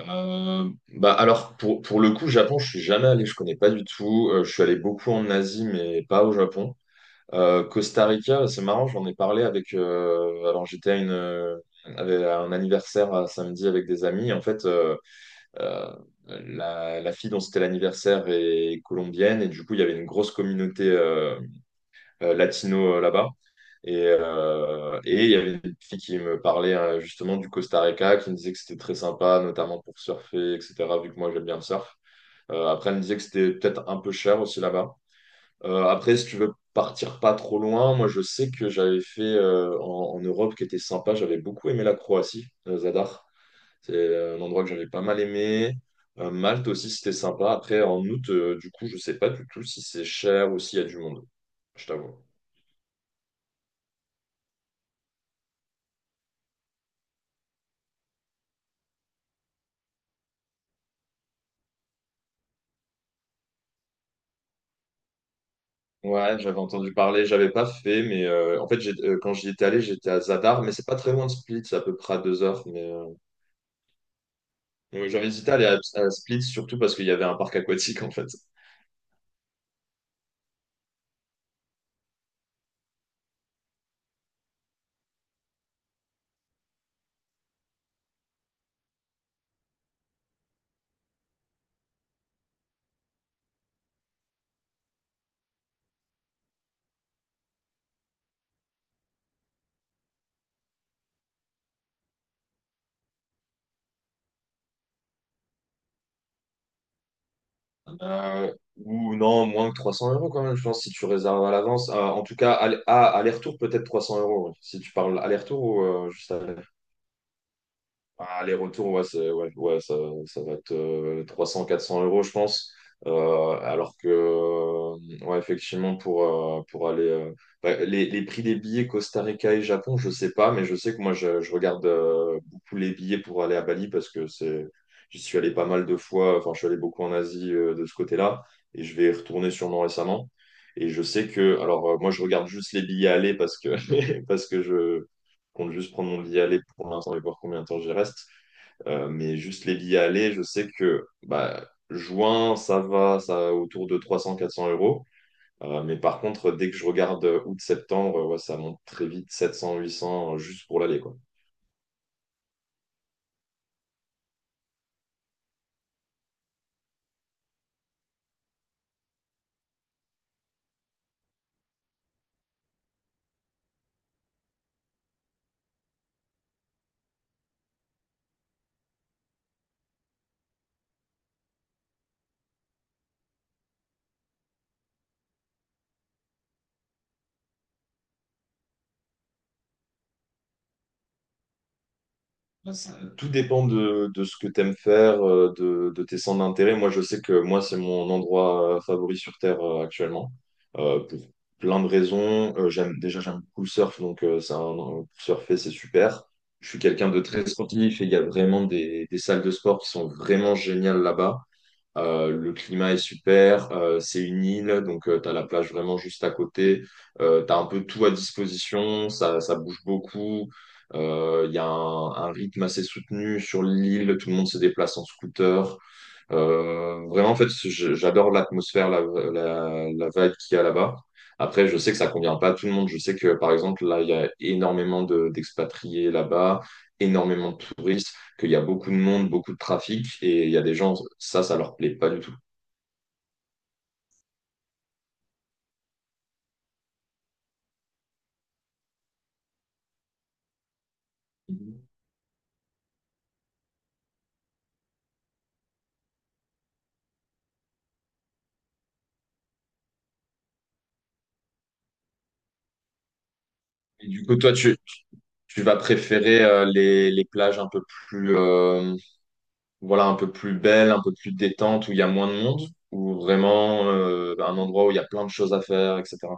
Bah alors pour le coup, Japon, je suis jamais allé, je connais pas du tout. Je suis allé beaucoup en Asie, mais pas au Japon. Costa Rica, c'est marrant, j'en ai parlé avec. Alors j'étais à une avec- à un anniversaire à samedi avec des amis. En fait, euh, la fille dont c'était l'anniversaire est colombienne et du coup il y avait une grosse communauté, latino là-bas. Et il y avait une fille qui me parlait justement du Costa Rica, qui me disait que c'était très sympa, notamment pour surfer, etc., vu que moi j'aime bien le surf. Après, elle me disait que c'était peut-être un peu cher aussi là-bas. Après, si tu veux partir pas trop loin, moi je sais que j'avais fait en Europe qui était sympa, j'avais beaucoup aimé la Croatie, Zadar. C'est un endroit que j'avais pas mal aimé. Malte aussi, c'était sympa. Après, en août, du coup, je sais pas du tout si c'est cher ou s'il y a du monde, je t'avoue. Ouais, j'avais entendu parler, j'avais pas fait, mais en fait, quand j'y étais allé, j'étais à Zadar, mais c'est pas très loin de Split, c'est à peu près à 2 heures. Donc j'avais hésité à aller à Split, surtout parce qu'il y avait un parc aquatique en fait. Euh, ou non, moins que 300 € quand même, je pense, si tu réserves à l'avance. En tout cas, aller- à aller-retour, peut-être 300 euros. Ouais. Si tu parles aller-retour ou juste à... Ah, les retours, ouais, ça va être 300-400 euros, je pense. Alors que, ouais, effectivement, pour aller. Les prix des billets Costa Rica et Japon, je sais pas, mais je sais que je regarde beaucoup les billets pour aller à Bali parce que c'est, j'y suis allé pas mal de fois. Enfin, je suis allé beaucoup en Asie de ce côté-là et je vais y retourner sûrement récemment. Et je sais que. Alors, moi, je regarde juste les billets aller parce que, parce que je compte juste prendre mon billet aller pour l'instant et voir combien de temps j'y reste. Mais juste les billets aller, je sais que bah, juin, ça va autour de 300-400 euros. Mais par contre, dès que je regarde août-septembre, ouais, ça monte très vite, 700-800 juste pour l'aller, quoi. Ouais, ça... Tout dépend de ce que tu aimes faire, de tes centres d'intérêt. Moi, je sais que moi, c'est mon endroit favori sur Terre actuellement, pour plein de raisons. J'aime, déjà, j'aime beaucoup le surf, donc c'est un, pour surfer, c'est super. Je suis quelqu'un de très sportif et il y a vraiment des salles de sport qui sont vraiment géniales là-bas. Le climat est super, c'est une île, donc tu as la plage vraiment juste à côté, tu as un peu tout à disposition, ça bouge beaucoup, il y a un rythme assez soutenu sur l'île, tout le monde se déplace en scooter, vraiment, en fait, je- j'adore l'atmosphère, la vibe qu'il y a là-bas. Après, je sais que ça convient pas à tout le monde. Je sais que, par exemple, là, il y a énormément d'expatriés là-bas, énormément de touristes, qu'il y a beaucoup de monde, beaucoup de trafic, et il y a des gens, ça leur plaît pas du tout. Et du coup, toi, tu vas préférer les plages un peu plus, voilà, un peu plus belles, un peu plus détentes, où il y a moins de monde, ou vraiment un endroit où il y a plein de choses à faire, etc.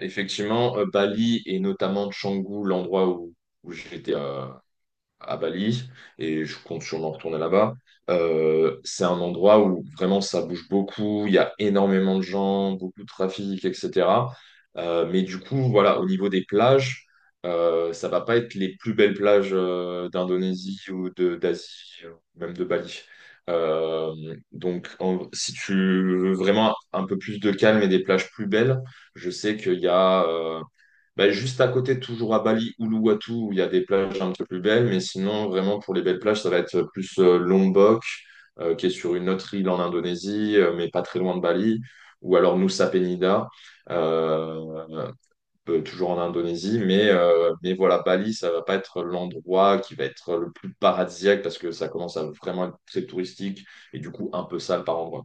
Effectivement, Bali et notamment Canggu, l'endroit où, où j'étais à Bali et je compte sûrement retourner là-bas. C'est un endroit où vraiment ça bouge beaucoup, il y a énormément de gens, beaucoup de trafic, etc. Mais du coup, voilà, au niveau des plages, ça va pas être les plus belles plages d'Indonésie ou de d'Asie, même de Bali. Euh, donc, si tu veux vraiment un peu plus de calme et des plages plus belles, je sais qu'il y a juste à côté, toujours à Bali, Uluwatu, où il y a des plages un peu plus belles, mais sinon, vraiment, pour les belles plages, ça va être plus Lombok, qui est sur une autre île en Indonésie, mais pas très loin de Bali, ou alors Nusa Penida, euh, toujours en Indonésie, mais voilà, Bali, ça va pas être l'endroit qui va être le plus paradisiaque, parce que ça commence à vraiment être très touristique, et du coup, un peu sale par endroit.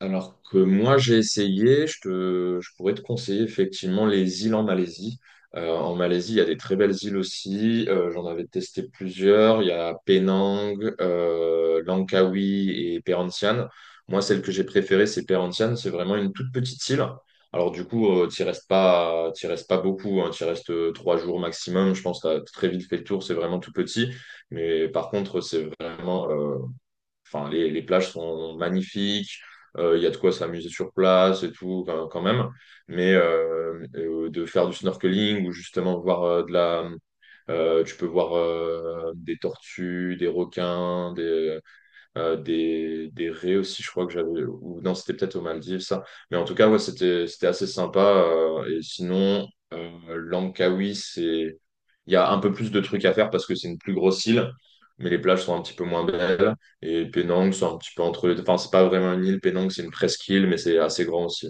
Alors que moi, j'ai essayé, je pourrais te conseiller effectivement les îles en Malaisie. En Malaisie, il y a des très belles îles aussi. J'en avais testé plusieurs. Il y a Penang, Langkawi et Perhentian. Moi, celle que j'ai préférée, c'est Perhentian. C'est vraiment une toute petite île. Alors du coup, t'y restes pas beaucoup. Hein. T'y restes 3 jours maximum. Je pense que t'as très vite fait le tour. C'est vraiment tout petit. Mais par contre, c'est vraiment. Enfin, les plages sont magnifiques. Il y a de quoi s'amuser sur place et tout, quand même. Mais de faire du snorkeling ou justement voir de la. Tu peux voir des tortues, des requins, des raies aussi, je crois que j'avais, ou non, c'était peut-être aux Maldives, ça. Mais en tout cas, ouais, c'était assez sympa. Et sinon, Langkawi, c'est, il y a un peu plus de trucs à faire parce que c'est une plus grosse île, mais les plages sont un petit peu moins belles. Et Penang, c'est un petit peu entre les deux. Enfin, c'est pas vraiment une île, Penang, c'est une presqu'île, mais c'est assez grand aussi.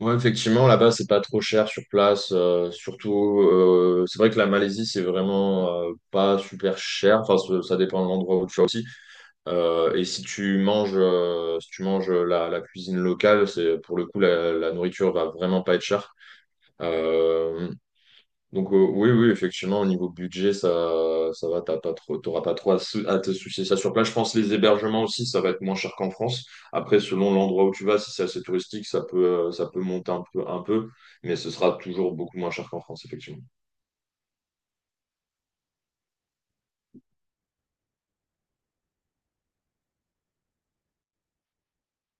Ouais, effectivement, là-bas, c'est pas trop cher sur place. Surtout, c'est vrai que la Malaisie, c'est vraiment pas super cher. Enfin, ça dépend de l'endroit où tu vas aussi. Et si tu manges, si tu manges la cuisine locale, c'est pour le coup la nourriture va vraiment pas être chère. Euh, donc, oui, oui, effectivement, au niveau budget, ça va, t'auras pas trop à, à te soucier ça sur place. Je pense les hébergements aussi, ça va être moins cher qu'en France. Après, selon l'endroit où tu vas, si c'est assez touristique, ça peut monter un peu, mais ce sera toujours beaucoup moins cher qu'en France, effectivement.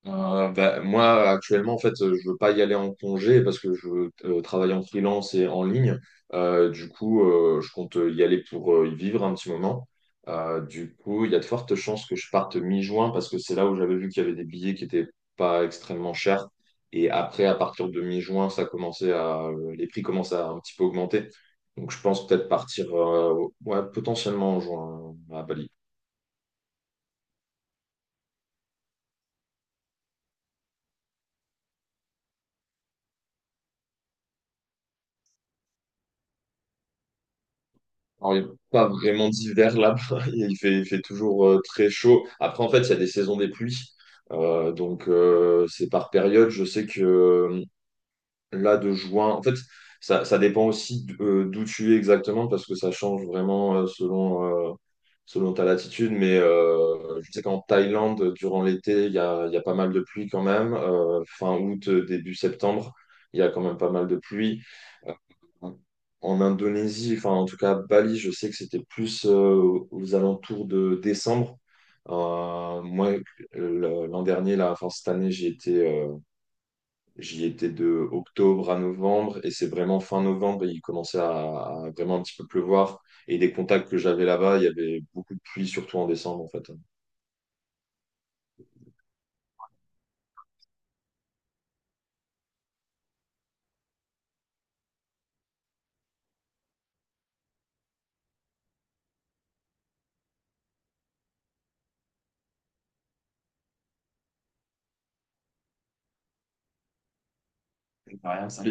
Bah, moi, actuellement, en fait, je veux pas y aller en congé parce que je veux travaille en freelance et en ligne. Du coup, je compte y aller pour y vivre un petit moment. Du coup, il y a de fortes chances que je parte mi-juin parce que c'est là où j'avais vu qu'il y avait des billets qui étaient pas extrêmement chers. Et après, à partir de mi-juin, les prix commencent à un petit peu augmenter. Donc, je pense peut-être partir, ouais, potentiellement en juin à Bali. Alors, il n'est pas vraiment d'hiver là-bas. Il fait toujours très chaud. Après, en fait, il y a des saisons des pluies. Donc, c'est par période. Je sais que là de juin. En fait, ça dépend aussi d'où tu es exactement parce que ça change vraiment selon ta latitude. Mais je sais qu'en Thaïlande, durant l'été, il y a pas mal de pluie quand même. Fin août, début septembre, il y a quand même pas mal de pluie. Euh, En Indonésie, enfin en tout cas Bali, je sais que c'était plus aux alentours de décembre. Moi, l'an dernier, là, enfin cette année, j'ai été J'y étais de octobre à novembre et c'est vraiment fin novembre, il commençait à vraiment un petit peu pleuvoir. Et des contacts que j'avais là-bas, il y avait beaucoup de pluie, surtout en décembre en fait. Rien, ça.